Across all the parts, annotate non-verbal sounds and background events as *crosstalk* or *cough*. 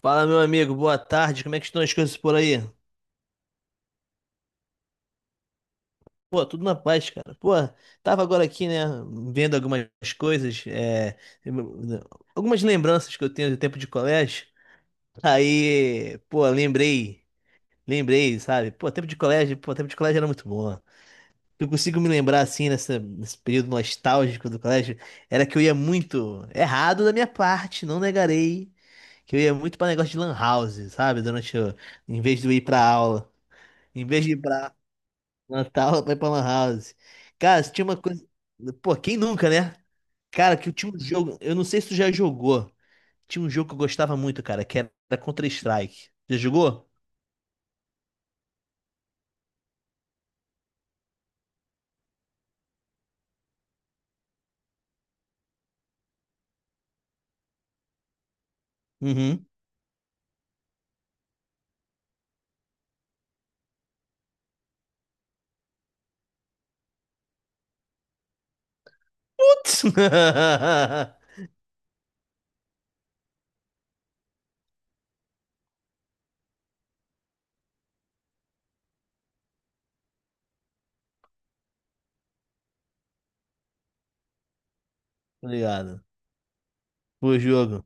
Fala, meu amigo, boa tarde. Como é que estão as coisas por aí? Pô, tudo na paz, cara. Pô, tava agora aqui, né, vendo algumas coisas, é, algumas lembranças que eu tenho do tempo de colégio. Aí, pô, lembrei, lembrei, sabe? Pô, tempo de colégio, pô, tempo de colégio era muito bom. Eu consigo me lembrar assim nesse período nostálgico do colégio, era que eu ia muito errado da minha parte, não negarei, que eu ia muito pra negócio de lan house, sabe? Em vez de eu ir pra aula, em vez de ir pra Natal foi pra Lan House. Cara, tinha uma coisa. Pô, quem nunca, né? Cara, que eu tinha um jogo. Eu não sei se tu já jogou. Tinha um jogo que eu gostava muito, cara, que era Counter-Strike. Já jogou? Uhum. Putz! *laughs* Obrigado. Pô, jogo.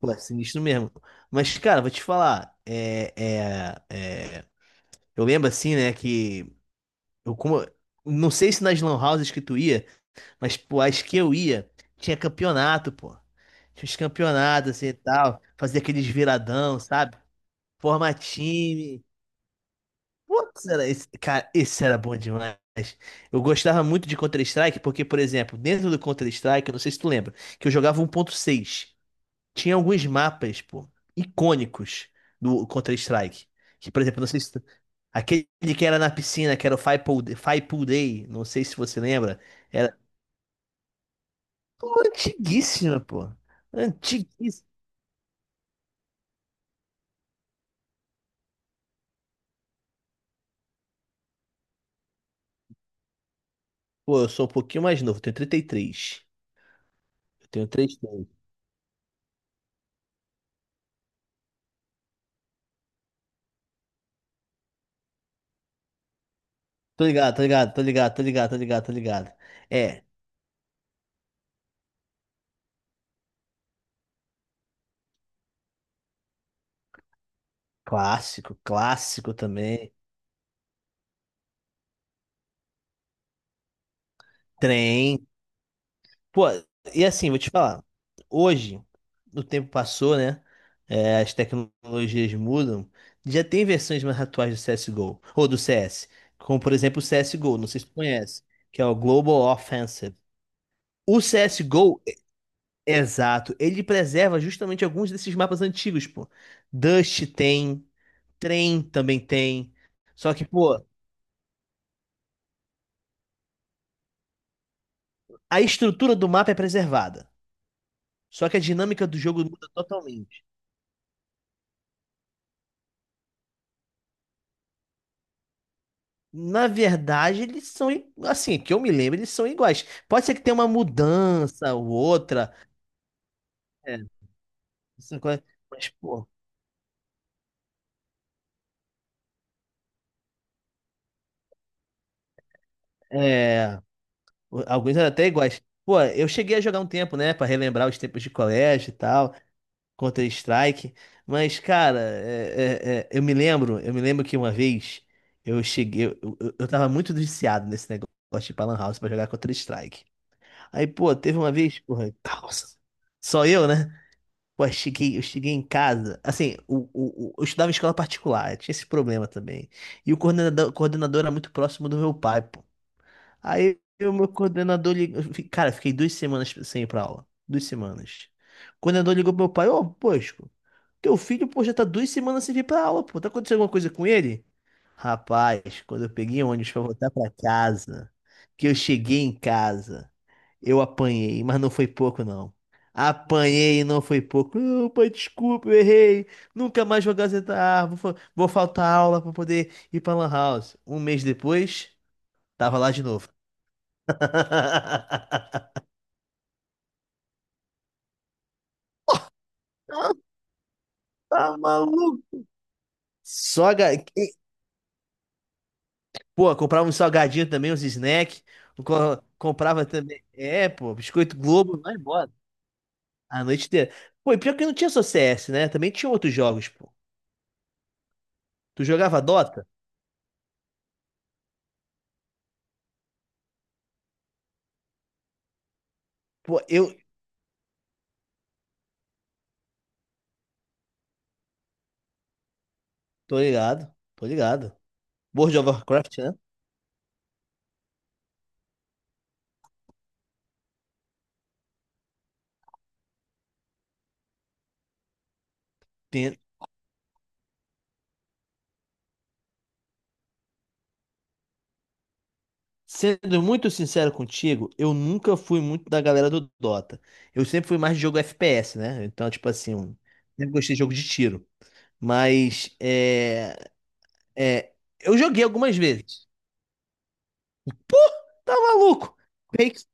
Pô, é sinistro mesmo. Mas, cara, vou te falar. Eu lembro assim, né, que. Eu, como... Não sei se nas lan houses que tu ia, mas, pô, as que eu ia, tinha campeonato, pô. Tinha uns campeonatos assim e tal. Fazia aqueles viradão, sabe? Forma time. Putz, era esse, cara, esse era bom demais. Eu gostava muito de Counter-Strike porque, por exemplo, dentro do Counter-Strike, eu não sei se tu lembra, que eu jogava 1.6. Tinha alguns mapas, pô, icônicos do Counter-Strike. Que, por exemplo, não sei se tu... Aquele que era na piscina, que era o Five Pool, Five Pool Day, não sei se você lembra. Era pô, antiguíssima, pô. Antiguíssima. Pô, eu sou um pouquinho mais novo, tenho 33. Eu tenho 3 anos. Tô ligado, tô ligado, tô ligado, tô ligado, tô ligado, tô ligado. É, clássico, clássico também. Trem. Pô, e assim, vou te falar. Hoje, o tempo passou, né? É, as tecnologias mudam. Já tem versões mais atuais do CSGO, ou do CS. Como, por exemplo, o CSGO, não sei se tu conhece, que é o Global Offensive. O CSGO, exato. Ele preserva justamente alguns desses mapas antigos, pô. Dust tem, Trem também tem. Só que, pô, a estrutura do mapa é preservada. Só que a dinâmica do jogo muda totalmente. Na verdade, eles são, assim, que eu me lembro, eles são iguais. Pode ser que tenha uma mudança ou outra. É, essa coisa- mas, pô, é, alguns eram até iguais. Pô, eu cheguei a jogar um tempo, né, pra relembrar os tempos de colégio e tal. Counter-Strike. Mas, cara, eu me lembro que uma vez eu cheguei, eu tava muito viciado nesse negócio de ir pra Lan House pra jogar Counter-Strike. Aí, pô, teve uma vez, porra, nossa, só eu, né? Pô, eu cheguei em casa, assim, eu estudava em escola particular, eu tinha esse problema também. E o coordenador, coordenador era muito próximo do meu pai, pô. Aí, o meu coordenador ligou, cara, eu fiquei 2 semanas sem ir pra aula, 2 semanas. O coordenador ligou pro meu pai, ô, poxa. Teu filho, pô, já tá 2 semanas sem vir pra aula, pô. Tá acontecendo alguma coisa com ele? Rapaz, quando eu peguei o ônibus pra voltar pra casa, que eu cheguei em casa, eu apanhei, mas não foi pouco, não. Apanhei e não foi pouco. Não, pai, desculpa, eu errei. Nunca mais vou gazetar. Vou faltar aula pra poder ir pra Lan House. Um mês depois, tava lá de novo. *laughs* Tá maluco? Só ga... Pô, comprava um salgadinho também, uns snacks. Comprava também. É, pô, Biscoito Globo, vai embora. A noite inteira. Pô, e pior que não tinha só CS, né? Também tinha outros jogos, pô. Tu jogava Dota? Pô, eu. Tô ligado, tô ligado. World of Warcraft, né? Tem- Sendo muito sincero contigo, eu nunca fui muito da galera do Dota. Eu sempre fui mais de jogo FPS, né? Então, tipo assim, um- sempre gostei de jogo de tiro. Mas, é, eu joguei algumas vezes. Pô, tá maluco. Quake,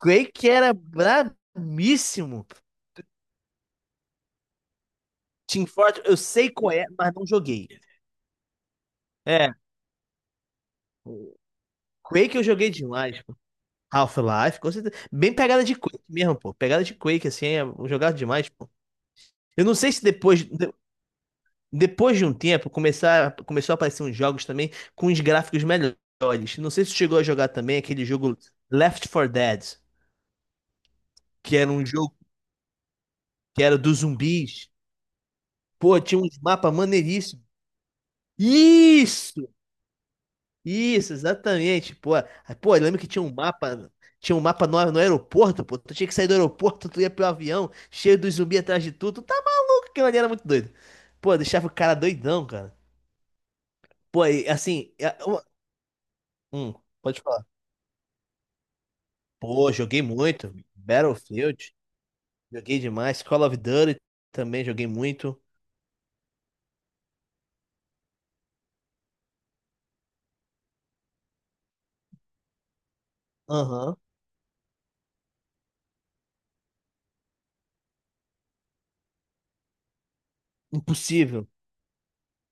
Quake era brabíssimo. Team Fortress, eu sei qual é, mas não joguei. É, Quake eu joguei demais. Half-Life, com certeza. Bem pegada de Quake mesmo, pô. Pegada de Quake, assim, é um jogado demais, pô. Eu não sei se depois, depois de um tempo começar, começou a aparecer uns jogos também com os gráficos melhores. Não sei se tu chegou a jogar também aquele jogo Left 4 Dead, que era um jogo que era dos zumbis. Pô, tinha uns mapas maneiríssimos. Isso! Isso, exatamente. Pô, ah, pô, eu lembro que tinha um mapa no aeroporto, pô. Tu tinha que sair do aeroporto, tu ia pro avião, cheio dos zumbis atrás de tudo. Tu tá maluco, aquilo ali era muito doido. Pô, deixava o cara doidão, cara. Pô, e, assim, é- uma- hum, pode falar. Pô, joguei muito. Battlefield, joguei demais. Call of Duty também joguei muito. Aham. Impossível.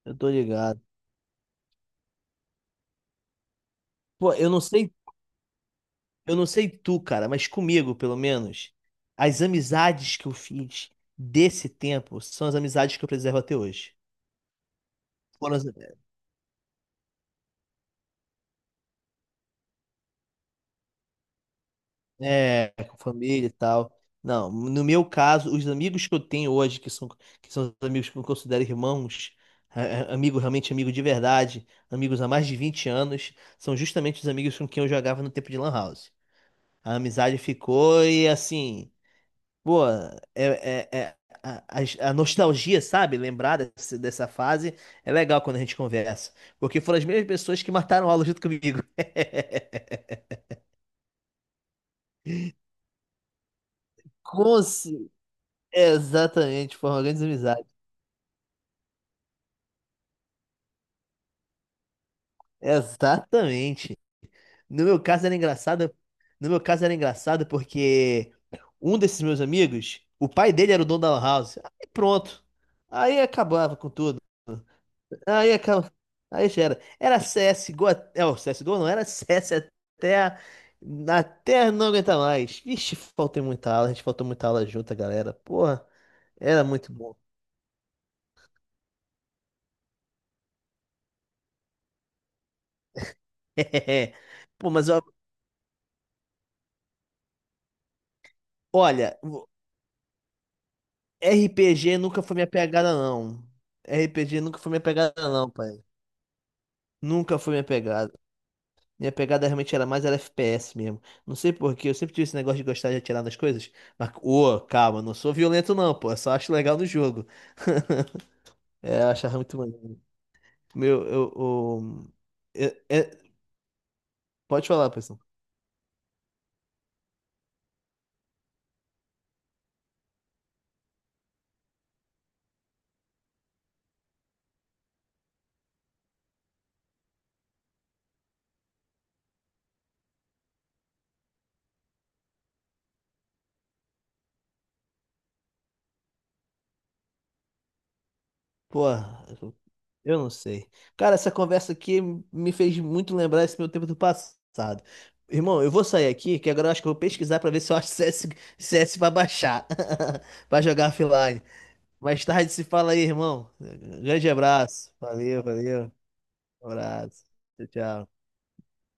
Eu tô ligado. Pô, eu não sei. Eu não sei tu, cara, mas comigo, pelo menos, as amizades que eu fiz desse tempo são as amizades que eu preservo até hoje. Foram as- é, com família e tal. Não, no meu caso, os amigos que eu tenho hoje, que são os amigos que eu considero irmãos, é, amigo realmente amigo de verdade, amigos há mais de 20 anos, são justamente os amigos com quem eu jogava no tempo de Lan House. A amizade ficou e assim. Pô, a nostalgia, sabe? Lembrar dessa fase é legal quando a gente conversa. Porque foram as mesmas pessoas que mataram aula junto comigo. *laughs* Com ce- Exatamente, foram grandes amizades. Exatamente. No meu caso era engraçado. No meu caso era engraçado porque um desses meus amigos, o pai dele era o dono da lan house. Aí pronto. Aí acabava com tudo. Aí acaba. Aí já era. Era CSGO. Até- É, o CSGO não era CS até. A- Até não aguentar mais. Vixe, faltei muita aula. A gente faltou muita aula junto, galera. Porra, era muito bom. *laughs* Pô, mas ó, olha, o RPG nunca foi minha pegada, não. RPG nunca foi minha pegada, não, pai. Nunca foi minha pegada. Minha pegada realmente era mais era FPS mesmo. Não sei por quê, eu sempre tive esse negócio de gostar de atirar nas coisas. Mas, ô, calma, não sou violento, não, pô. Eu só acho legal no jogo. *laughs* É, eu achava muito maneiro. Meu, eu, o- é- é- pode falar, pessoal. Porra, eu não sei. Cara, essa conversa aqui me fez muito lembrar esse meu tempo do passado. Irmão, eu vou sair aqui, que agora eu acho que eu vou pesquisar pra ver se eu acho *laughs* CS, CS pra baixar. *laughs* Pra jogar offline. Mais tarde se fala aí, irmão. Grande abraço. Valeu, valeu. Um abraço. Tchau, tchau.